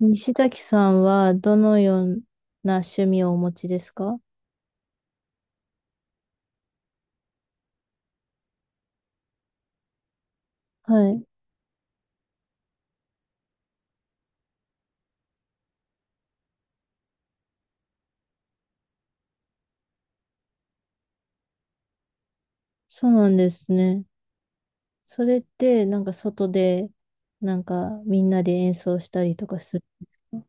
西崎さんはどのような趣味をお持ちですか？はい。そうなんですね。それってなんか外でなんかみんなで演奏したりとかするんですか？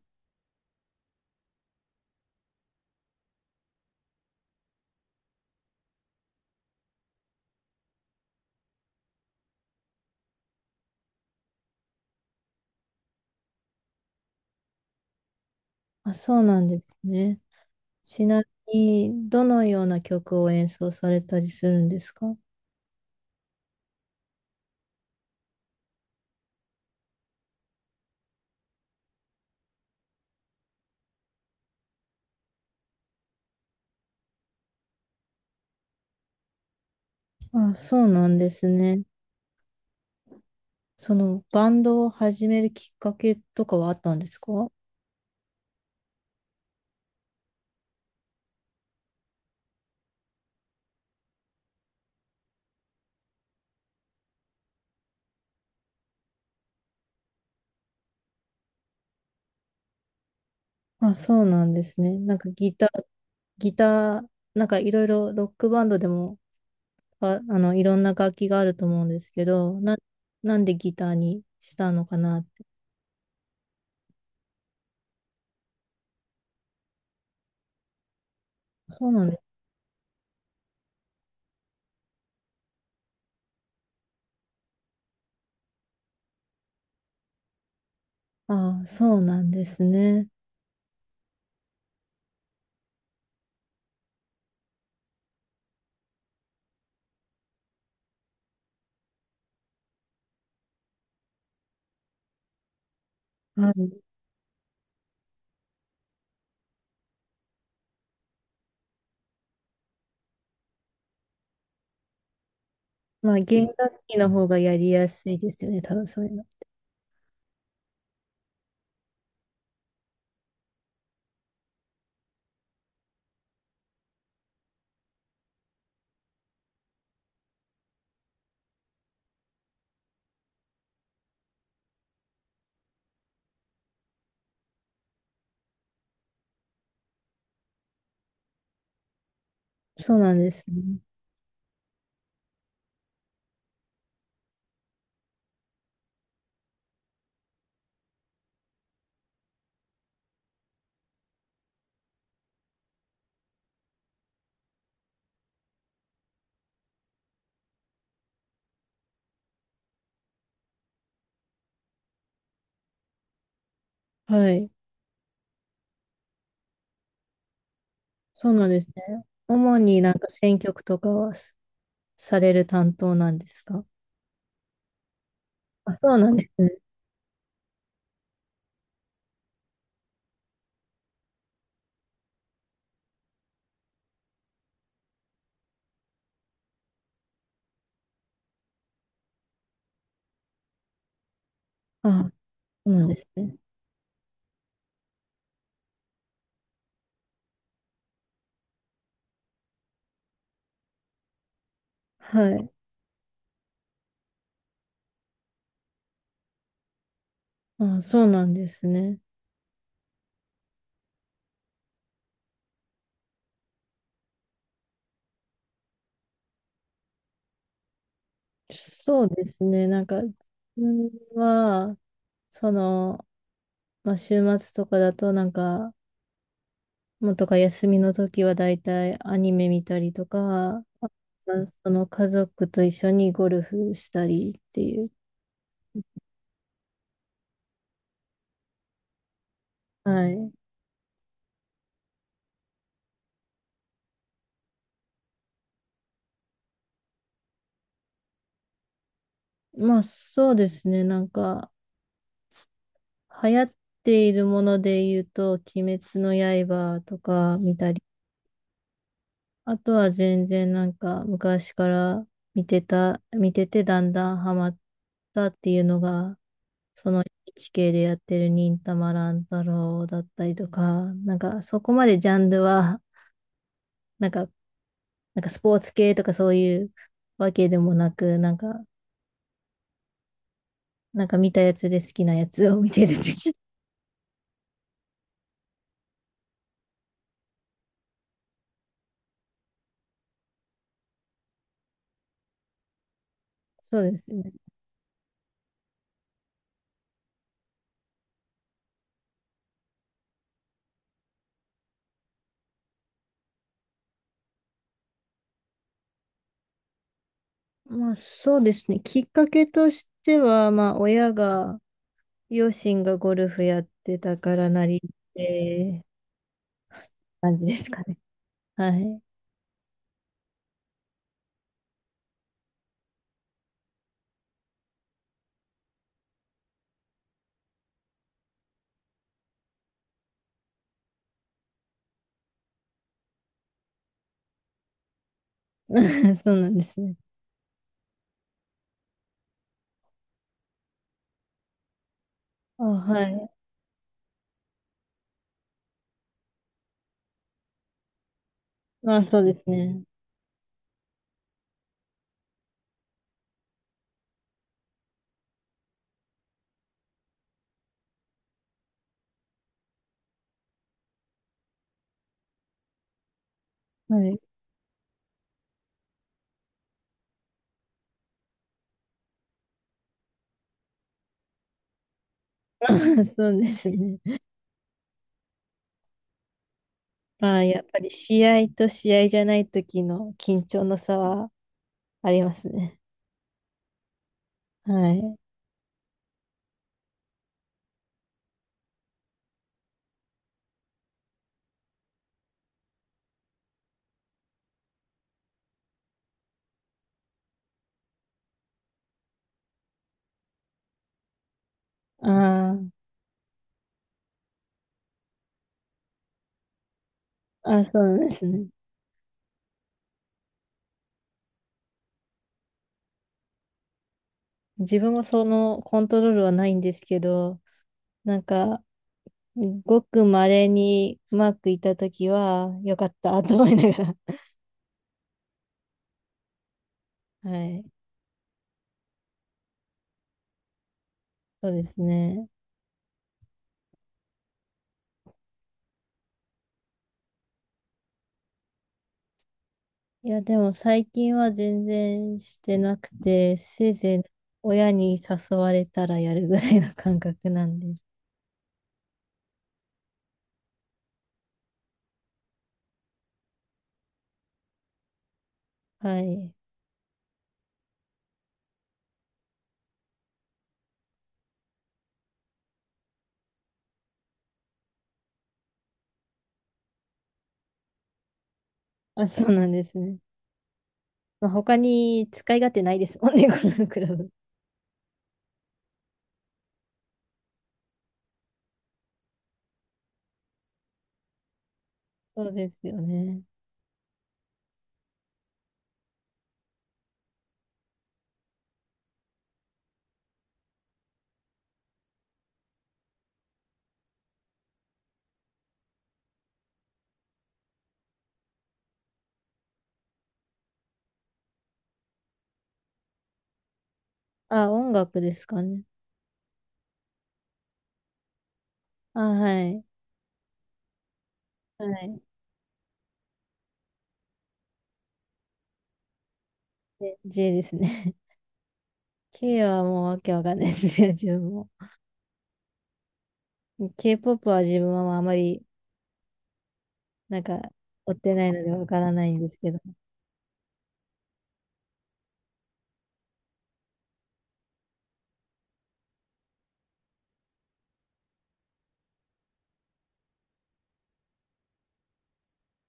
あ、そうなんですね。ちなみにどのような曲を演奏されたりするんですか？あ、そうなんですね。そのバンドを始めるきっかけとかはあったんですか？あ、そうなんですね。なんかギター、ギター、なんかいろいろロックバンドでもいろんな楽器があると思うんですけど、なんでギターにしたのかなって。そうなんです。ああ、そうなんですね。はい。まあ、弦楽器の方がやりやすいですよね、多分そういうの。そうなんですね。はい。そうなんですね。主になんか選曲とかはされる担当なんですか？あ、そうなんですね。あ、そうなんですね。はい。あ、そうなんですね。そうですね。なんか、自分は、その、まあ、週末とかだとなんか、もうとか休みの時はだいたいアニメ見たりとか、あ、その家族と一緒にゴルフしたりっていう。はい。まあそうですね、なんか、流行っているもので言うと、鬼滅の刃とか見たり、あとは全然なんか昔から見てた、見ててだんだんハマったっていうのがその NHK でやってる忍たま乱太郎だったりとか、なんかそこまでジャンルは、なんか、なんかスポーツ系とかそういうわけでもなく、なんか、なんか見たやつで好きなやつを見てるって感じ。 そうですね。まあそうですね。きっかけとしては、まあ親が、両親がゴルフやってたからなりって感じですかね。はい。そうなんですね。あ、はい。まあそうですね。はい。そうですね。まあ、やっぱり試合と試合じゃない時の緊張の差はありますね。はい。ああ、あ、そうなんですね。自分もそのコントロールはないんですけど、なんか、ごく稀にうまくいった時は、よかったと思いながら。はい。そうですね。いや、でも最近は全然してなくて、せいぜい親に誘われたらやるぐらいの感覚なんで。はい。あ、そうなんですね。まあ、他に使い勝手ないですもんね、このクラブ。そうですよね。あ、音楽ですかね。あ、はい。はい。で、J ですね。K はもうわけわかんないですよ自分も。K-POP は自分はあまり、なんか、追ってないのでわからないんですけど。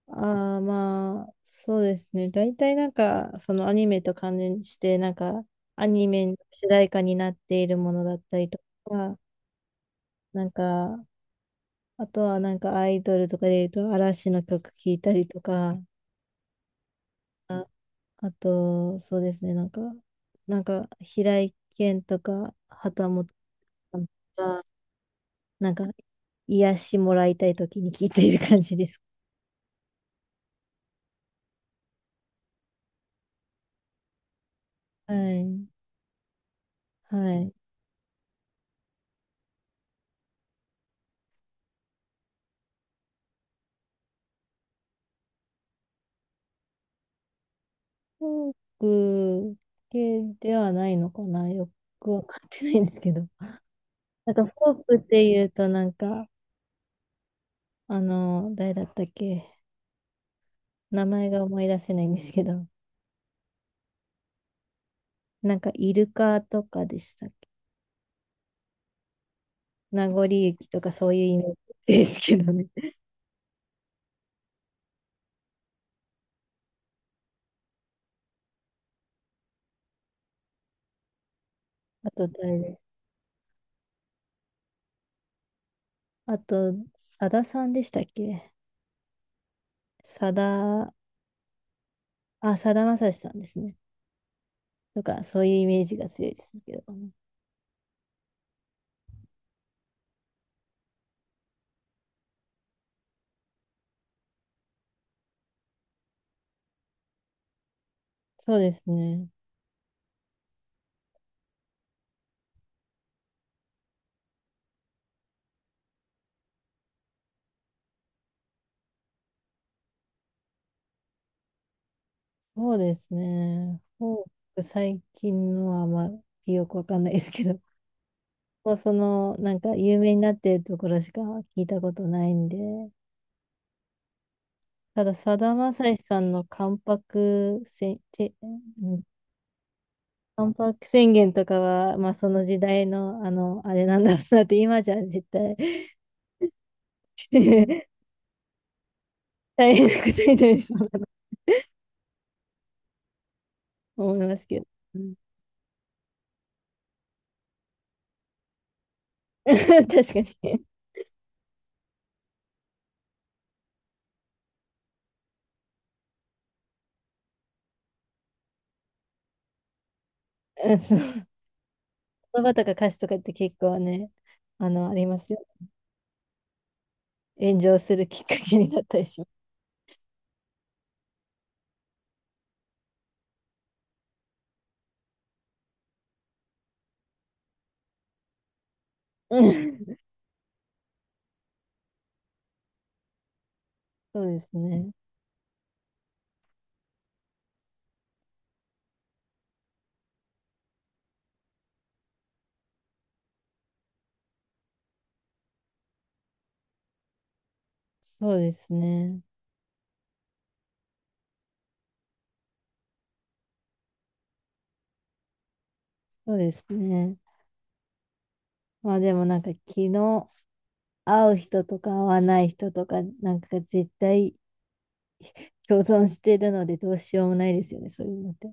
ああ、まあ、そうですね。大体なんか、そのアニメと関連して、なんか、アニメの主題歌になっているものだったりとか、なんか、あとはなんかアイドルとかで言うと嵐の曲聴いたりとか、あとそうですね、なんか、なんか平井堅とか旗本さんとか、なんか癒しもらいたい時に聴いている感じです。はい。はい。フォーク系ではないのかなよくわかってないんですけど。なんかフォークって言うとなんか、あの、誰だったっけ名前が思い出せないんですけど、なんかイルカとかでしたっけ。名残雪とかそういうイメージですけどね。あと誰であと、さださんでしたっけ。さだ、あ、さだまさしさんですね。とか、そういうイメージが強いですけどね。そうですね。そうですね。フォーク最近のはあまりよくわかんないですけど、もうその、なんか有名になってるところしか聞いたことないんで、ただ、さだまさしさんの関白せんて、ん万博宣言とかは、まあ、その時代の、あの、あれなんだろうなって、今じゃ絶対 大変なことになりそうだなと思いますけど。うん 確かに。うん そう、言葉とか歌詞とかって結構ね、あの、ありますよ。炎上するきっかけになったりします。うん、そうですね。そうですね。そうですね。まあでもなんか昨日会う人とか会わない人とかなんか絶対共存してるのでどうしようもないですよね、そういうのって。